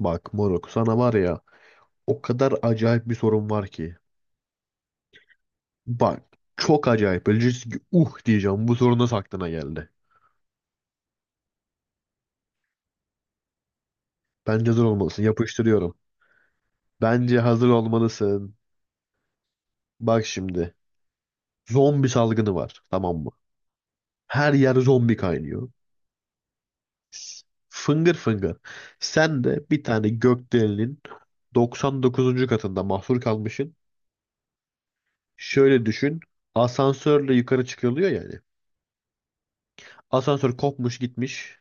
Bak moruk sana var ya o kadar acayip bir sorun var ki. Bak çok acayip. Böyle diyeceksin ki diyeceğim bu sorun nasıl aklına geldi. Bence hazır olmalısın. Yapıştırıyorum. Bence hazır olmalısın. Bak şimdi zombi salgını var, tamam mı? Her yer zombi kaynıyor. S- Fıngır fıngır. Sen de bir tane gökdelenin 99. katında mahsur kalmışsın. Şöyle düşün. Asansörle yukarı çıkılıyor yani. Asansör kopmuş gitmiş.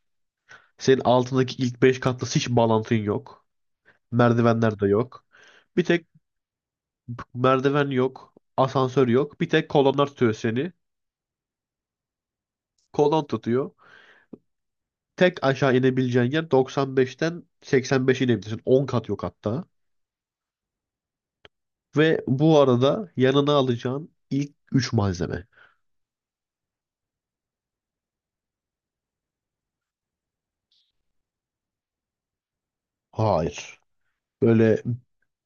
Senin altındaki ilk 5 katlı hiç bağlantın yok. Merdivenler de yok. Bir tek merdiven yok. Asansör yok. Bir tek kolonlar tutuyor seni. Kolon tutuyor. Tek aşağı inebileceğin yer 95'ten 85'e inebilirsin. 10 kat yok hatta. Ve bu arada yanına alacağın ilk üç malzeme. Hayır. Böyle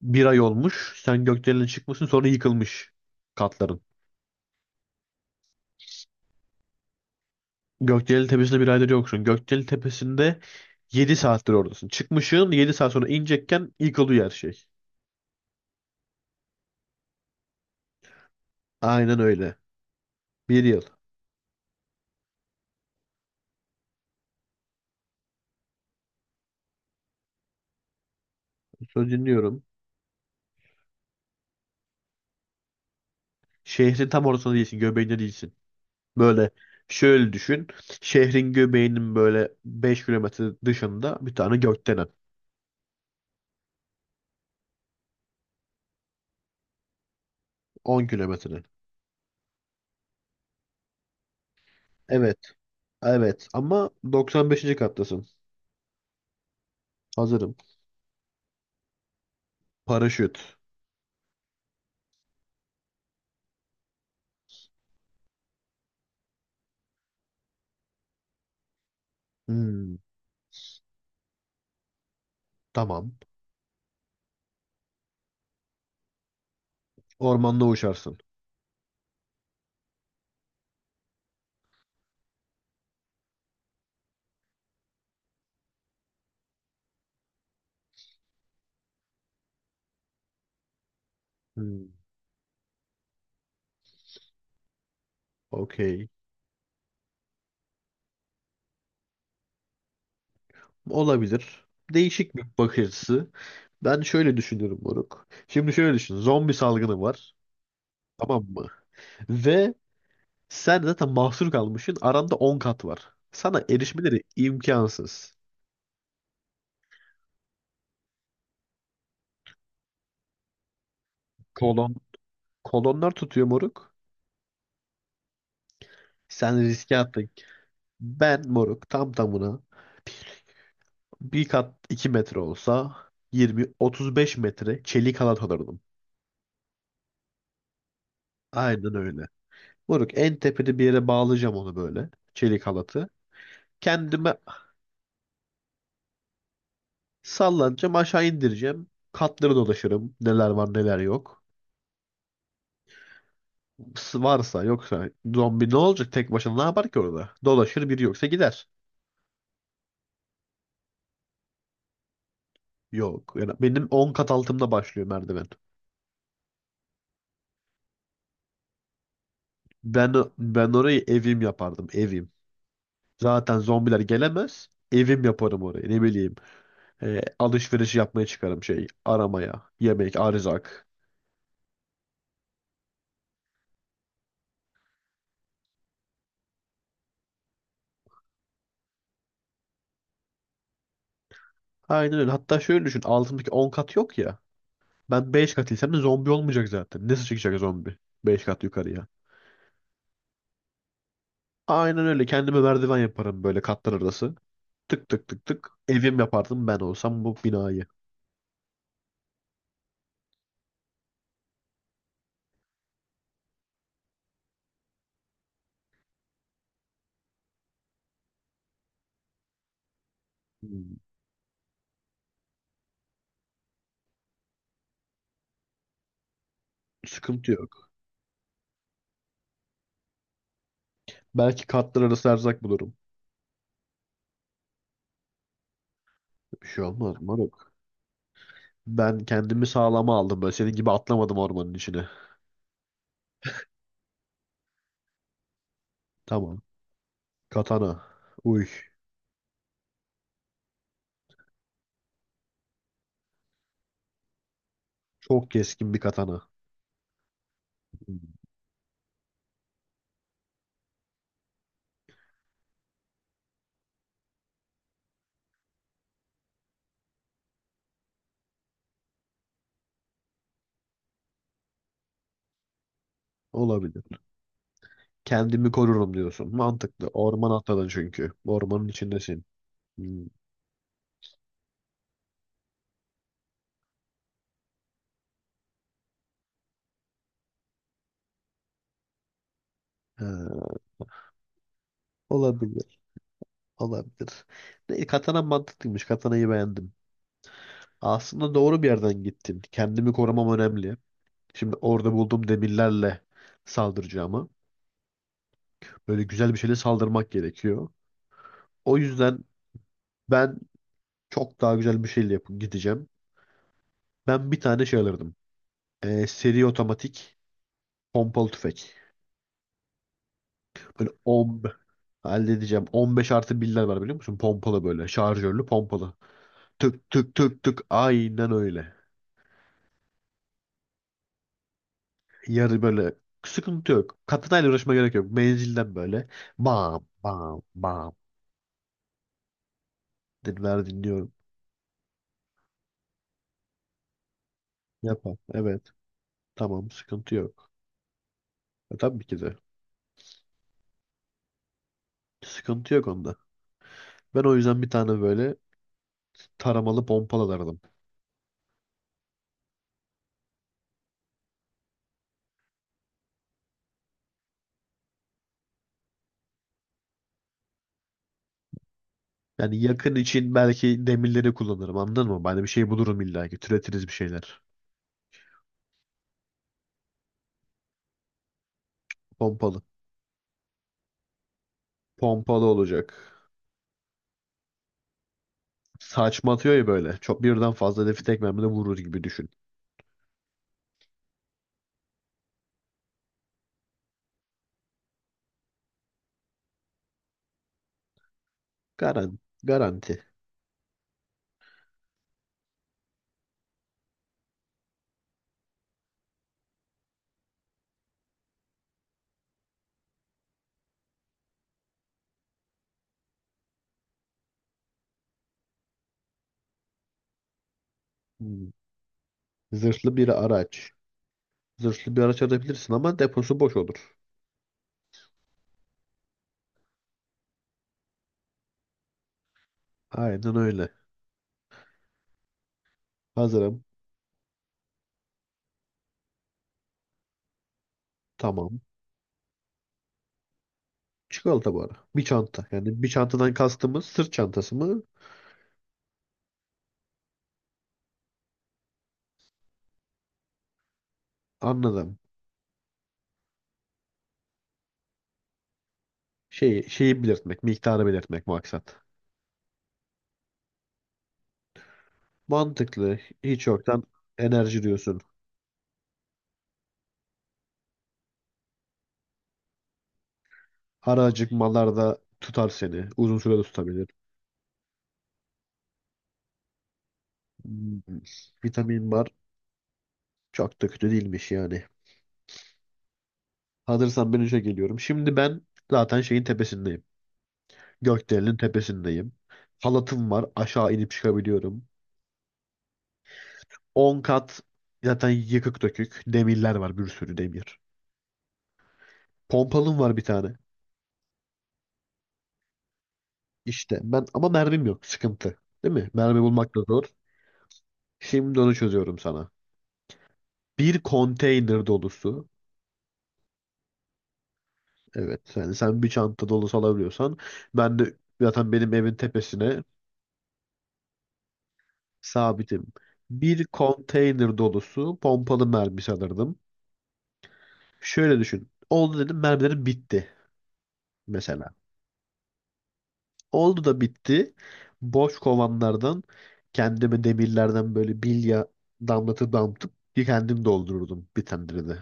bir ay olmuş. Sen gökdelene çıkmışsın, sonra yıkılmış katların. Gökdelen Tepesi'nde bir aydır yoksun. Gökdelen Tepesi'nde 7 saattir oradasın. Çıkmışsın, 7 saat sonra inecekken ilk oluyor her şey. Aynen öyle. Bir yıl. Söz dinliyorum. Şehrin tam ortasında değilsin. Göbeğinde değilsin. Böyle şöyle düşün. Şehrin göbeğinin böyle 5 kilometre dışında bir tane gökdelen. 10 kilometre. Evet. Evet. Ama 95. kattasın. Hazırım. Paraşüt. Hmm, tamam. Ormanda uçarsın. Hmm, okey. Olabilir. Değişik bir bakış açısı. Ben şöyle düşünüyorum moruk. Şimdi şöyle düşün. Zombi salgını var. Tamam mı? Ve sen zaten mahsur kalmışsın. Aranda 10 kat var. Sana erişmeleri imkansız. Kolon, kolonlar tutuyor moruk. Sen riske attın. Ben moruk tam tamına bir kat 2 metre olsa 20-35 metre çelik halat alırdım. Aynen öyle. Moruk en tepede bir yere bağlayacağım onu böyle. Çelik halatı. Kendime Sallanacağım, aşağı indireceğim. Katları dolaşırım. Neler var neler yok. Varsa yoksa zombi, ne olacak tek başına ne yapar ki orada? Dolaşır, biri yoksa gider. Yok. Yani benim 10 kat altımda başlıyor merdiven. Ben orayı evim yapardım, evim. Zaten zombiler gelemez. Evim yaparım orayı, ne bileyim. E, alışveriş yapmaya çıkarım, şey aramaya. Yemek, erzak. Aynen öyle. Hatta şöyle düşün, altımdaki 10 kat yok ya. Ben 5 katıysam da zombi olmayacak zaten. Nasıl çıkacak zombi? 5 kat yukarıya. Aynen öyle. Kendime merdiven yaparım böyle, katlar arası. Tık tık tık tık. Evim yapardım ben olsam bu binayı. Hmm, Sıkıntı yok. Belki katlar arası erzak bulurum. Bir şey olmaz moruk. Ben kendimi sağlama aldım böyle. Senin gibi atlamadım ormanın içine. Tamam. Katana. Uy. Çok keskin bir katana. Hmm, olabilir. Kendimi korurum diyorsun. Mantıklı. Orman atladın çünkü. Ormanın içindesin. Hmm, ha, olabilir. Olabilir. Ne, katana mantıklıymış. Katanayı beğendim. Aslında doğru bir yerden gittin. Kendimi korumam önemli. Şimdi orada bulduğum demirlerle saldıracağıma, böyle güzel bir şeyle saldırmak gerekiyor. O yüzden ben çok daha güzel bir şeyle yapıp gideceğim. Ben bir tane şey alırdım. Seri otomatik pompalı tüfek. Böyle 10 halledeceğim. 15 artı birler var, biliyor musun? Pompalı böyle. Şarjörlü pompalı. Tık tık tık tık. Aynen öyle. Yarı böyle sıkıntı yok. Katana ile uğraşmaya gerek yok. Menzilden böyle. Bam bam bam. Dinliyorum. Yapar. Evet. Tamam. Sıkıntı yok. E, tabii ki de. Sıkıntı yok onda. Ben o yüzden bir tane böyle taramalı pompalı alırdım. Yani yakın için belki demirleri kullanırım. Anladın mı? Ben de bir şey bulurum illa ki. Türetiriz bir şeyler. Pompalı. Pompalı olacak. Saçma atıyor ya böyle. Çok birden fazla hedefi tek mermide vurur gibi düşün. Garanti. Hmm. Zırhlı bir araç. Zırhlı bir araç alabilirsin ama deposu boş olur. Aynen öyle. Hazırım. Tamam. Çikolata bu ara. Bir çanta. Yani bir çantadan kastımız sırt çantası mı? Anladım. Şeyi belirtmek, miktarı belirtmek maksat. Mantıklı. Hiç yoktan enerji diyorsun. Ara acıkmalarda tutar seni. Uzun süre de tutabilir. Hmm, Vitamin var. Çok da kötü değilmiş yani. Hazırsan ben işe geliyorum. Şimdi ben zaten şeyin tepesindeyim. Gökdelenin tepesindeyim. Halatım var. Aşağı inip çıkabiliyorum. 10 kat zaten yıkık dökük. Demirler var. Bir sürü demir. Pompalım var bir tane. İşte ben ama mermim yok. Sıkıntı. Değil mi? Mermi bulmak da zor. Şimdi onu çözüyorum sana. Bir konteyner dolusu. Evet. Yani sen bir çanta dolusu alabiliyorsan ben de zaten benim evin tepesine. Sabitim. Bir konteyner dolusu pompalı mermi sanırdım. Şöyle düşün. Oldu dedim, mermilerim bitti mesela. Oldu da bitti. Boş kovanlardan kendime demirlerden böyle bilya damlatıp damlatıp bir kendim doldururdum, bir tane de.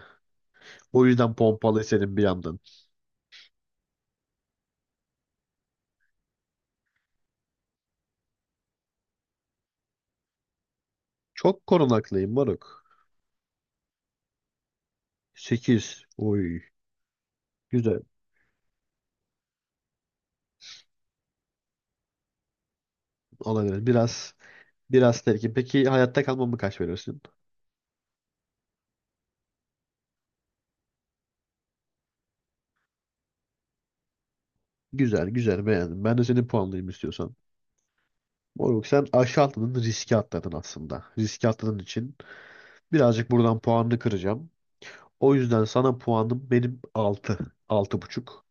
O yüzden pompalı istedim bir yandan. Çok korunaklıyım moruk. 8, oy. Güzel. Olabilir. Biraz terkim. Peki hayatta kalmamı kaç verirsin? Güzel güzel beğendim. Ben de seni puanlayayım istiyorsan. Moruk sen aşağı atladın, riske atladın aslında. Riski atladığın için birazcık buradan puanını kıracağım. O yüzden sana puanım benim altı, 6,5.